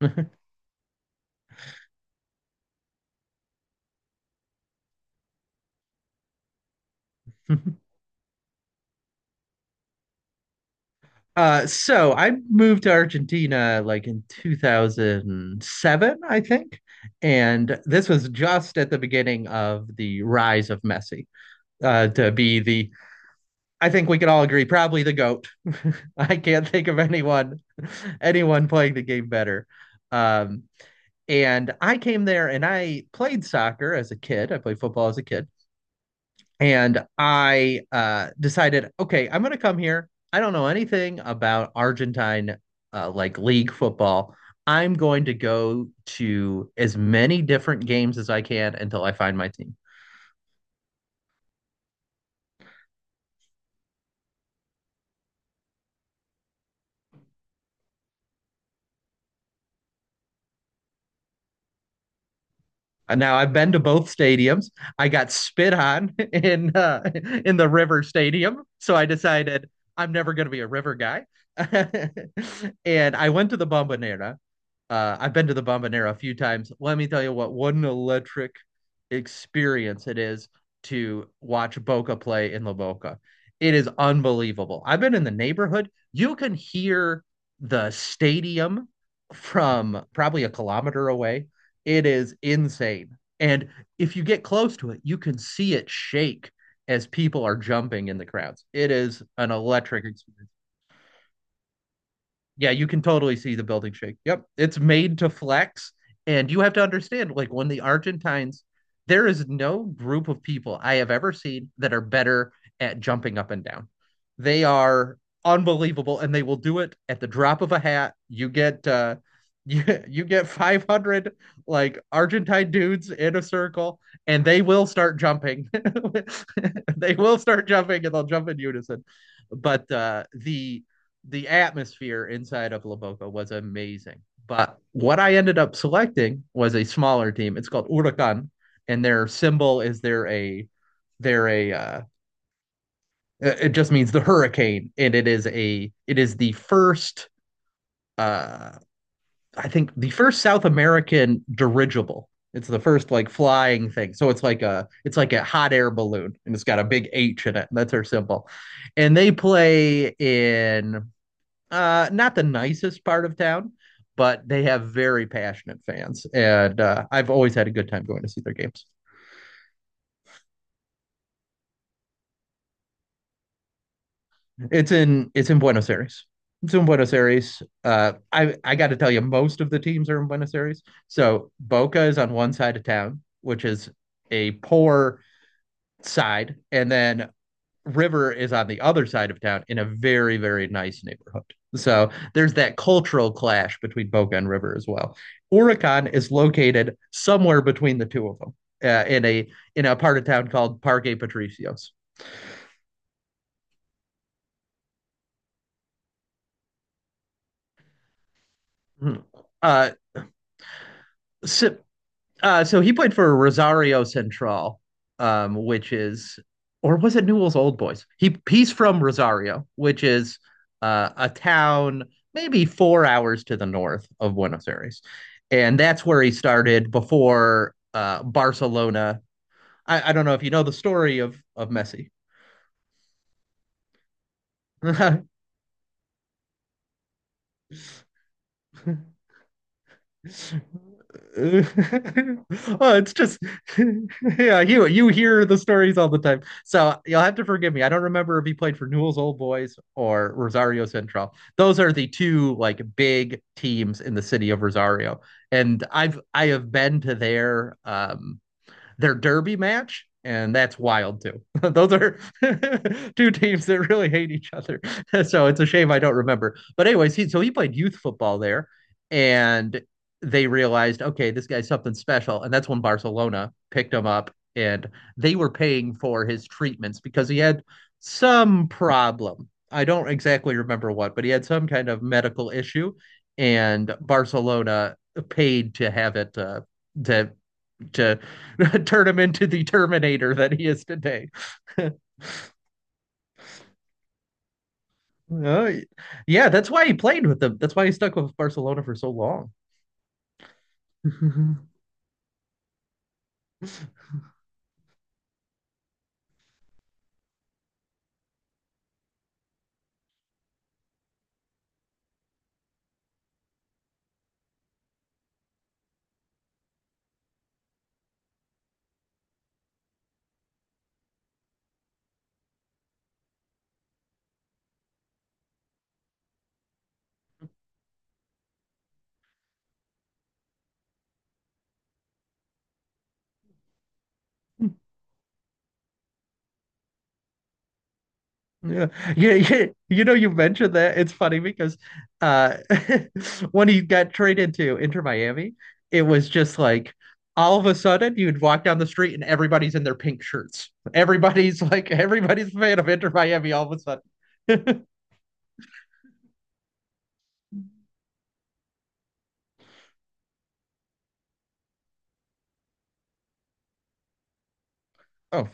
So I moved to Argentina like in 2007, I think. And this was just at the beginning of the rise of Messi to be I think we can all agree, probably the GOAT. I can't think of anyone, anyone playing the game better. Um, and I came there and I played soccer as a kid. I played football as a kid. And I decided, okay, I'm going to come here. I don't know anything about Argentine like league football. I'm going to go to as many different games as I can until I find my team. And now I've been to both stadiums. I got spit on in the River Stadium, so I decided I'm never going to be a River guy. and I went to the Bombonera, I've been to the Bombonera a few times. Let me tell you what an electric experience it is to watch Boca play in La Boca. It is unbelievable. I've been in the neighborhood. You can hear the stadium from probably a kilometer away. It is insane. And if you get close to it, you can see it shake as people are jumping in the crowds. It is an electric experience. Yeah, you can totally see the building shake. Yep. It's made to flex. And you have to understand, like, when the Argentines, there is no group of people I have ever seen that are better at jumping up and down. They are unbelievable and they will do it at the drop of a hat. You get, you, you get 500 like Argentine dudes in a circle and they will start jumping. they will start jumping and they'll jump in unison. But the atmosphere inside of La Boca was amazing. But what I ended up selecting was a smaller team. It's called Huracan, and their symbol is they're a it just means the hurricane, and it is a it is the first uh I think the first South American dirigible. It's the first like flying thing. So it's like a hot air balloon and it's got a big H in it. That's their symbol. And they play in not the nicest part of town, but they have very passionate fans, and I've always had a good time going to see their games. It's in Buenos Aires. It's in Buenos Aires. I got to tell you, most of the teams are in Buenos Aires. So Boca is on one side of town, which is a poor side, and then River is on the other side of town in a very, very nice neighborhood. So there's that cultural clash between Boca and River as well. Oricon is located somewhere between the two of them in a part of town called Parque Patricios. Uh, so so he played for Rosario Central, which is, or was it Newell's Old Boys? He he's from Rosario, which is a town maybe 4 hours to the north of Buenos Aires, and that's where he started before Barcelona. I don't know if you know the story of Messi. Oh, it's just yeah, you hear the stories all the time. So you'll have to forgive me. I don't remember if he played for Newell's Old Boys or Rosario Central. Those are the two like big teams in the city of Rosario. And I have been to their derby match, and that's wild too. Those are two teams that really hate each other. so it's a shame I don't remember. But anyways, he played youth football there, and they realized, okay, this guy's something special, and that's when Barcelona picked him up, and they were paying for his treatments because he had some problem. I don't exactly remember what, but he had some kind of medical issue, and Barcelona paid to have it to to turn him into the Terminator that he is today. Uh, yeah, that's why he played with them. That's why he stuck with Barcelona for so long. Yeah. Yeah, you know, you mentioned that it's funny because uh, when he got traded to Inter Miami, it was just like all of a sudden you'd walk down the street and everybody's in their pink shirts. Everybody's like everybody's a fan of Inter Miami all of a sudden. oh,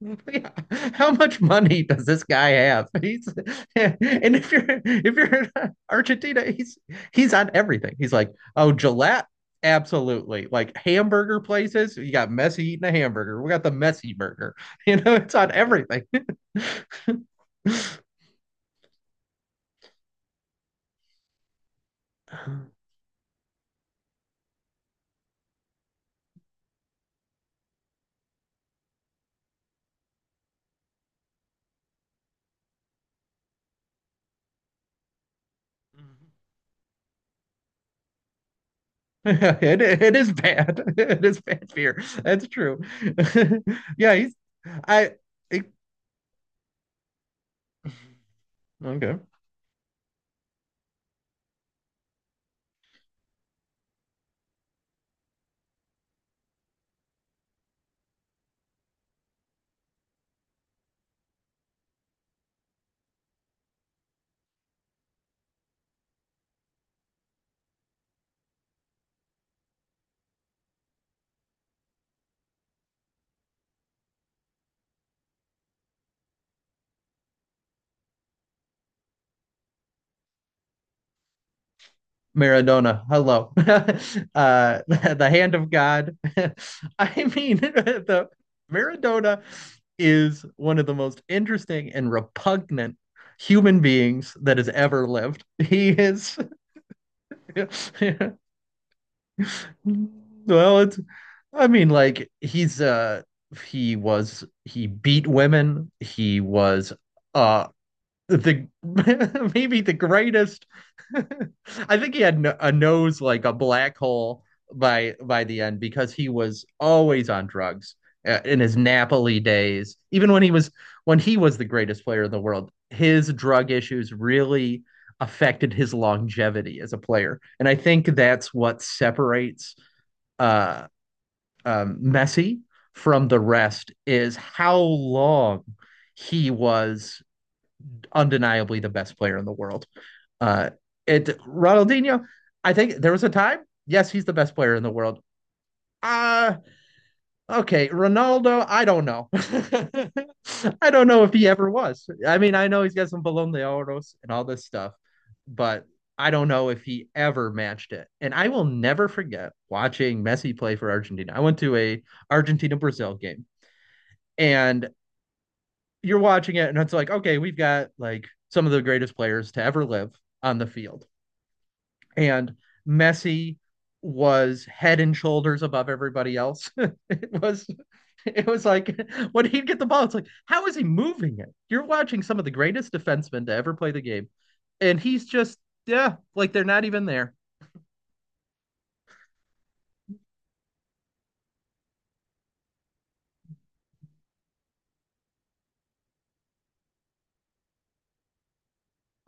Yeah. How much money does this guy have? He's and if you're in Argentina, he's on everything. He's like, oh, Gillette, absolutely. Like hamburger places, you got Messi eating a hamburger. We got the Messi burger. You know, it's on everything. It is bad. It is bad beer. That's true. Yeah, I it, okay. Maradona, hello, the hand of God. I mean, the Maradona is one of the most interesting and repugnant human beings that has ever lived. He is, well, it's. I mean, like he was he beat women. He was uh the maybe the greatest I think he had no, a nose like a black hole by the end because he was always on drugs in his Napoli days. Even when he was the greatest player in the world, his drug issues really affected his longevity as a player. And I think that's what separates uh, Messi from the rest is how long he was undeniably the best player in the world. Uh, it Ronaldinho, I think there was a time. Yes, he's the best player in the world. Uh okay, Ronaldo, I don't know. I don't know if he ever was. I mean, I know he's got some Balón de Oros and all this stuff, but I don't know if he ever matched it. And I will never forget watching Messi play for Argentina. I went to a Argentina Brazil game and you're watching it and it's like, okay, we've got like some of the greatest players to ever live on the field. And Messi was head and shoulders above everybody else. it was it was like when he'd get the ball, it's like, how is he moving it? You're watching some of the greatest defensemen to ever play the game. And he's just, yeah, like they're not even there.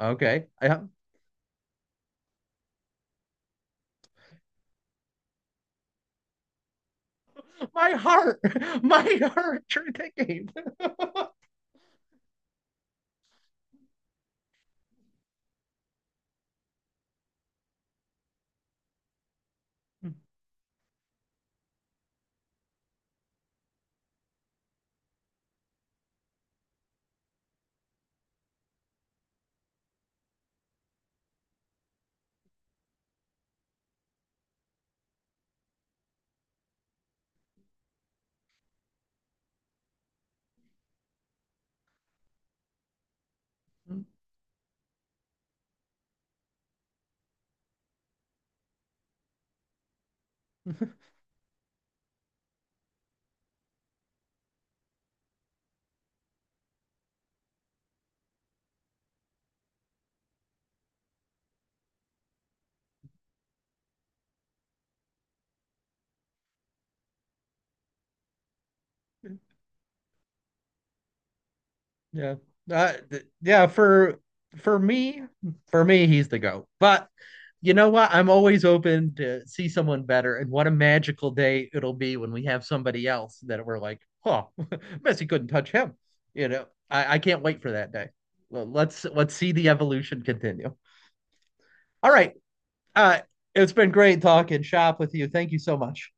Okay. My heart, my heart during that game. Yeah. For for me, for me, he's the GOAT. But you know what? I'm always open to see someone better, and what a magical day it'll be when we have somebody else that we're like, oh, Messi couldn't touch him. You know, I can't wait for that day. Well, let's see the evolution continue. All right. Uh, it's been great talking shop with you. Thank you so much.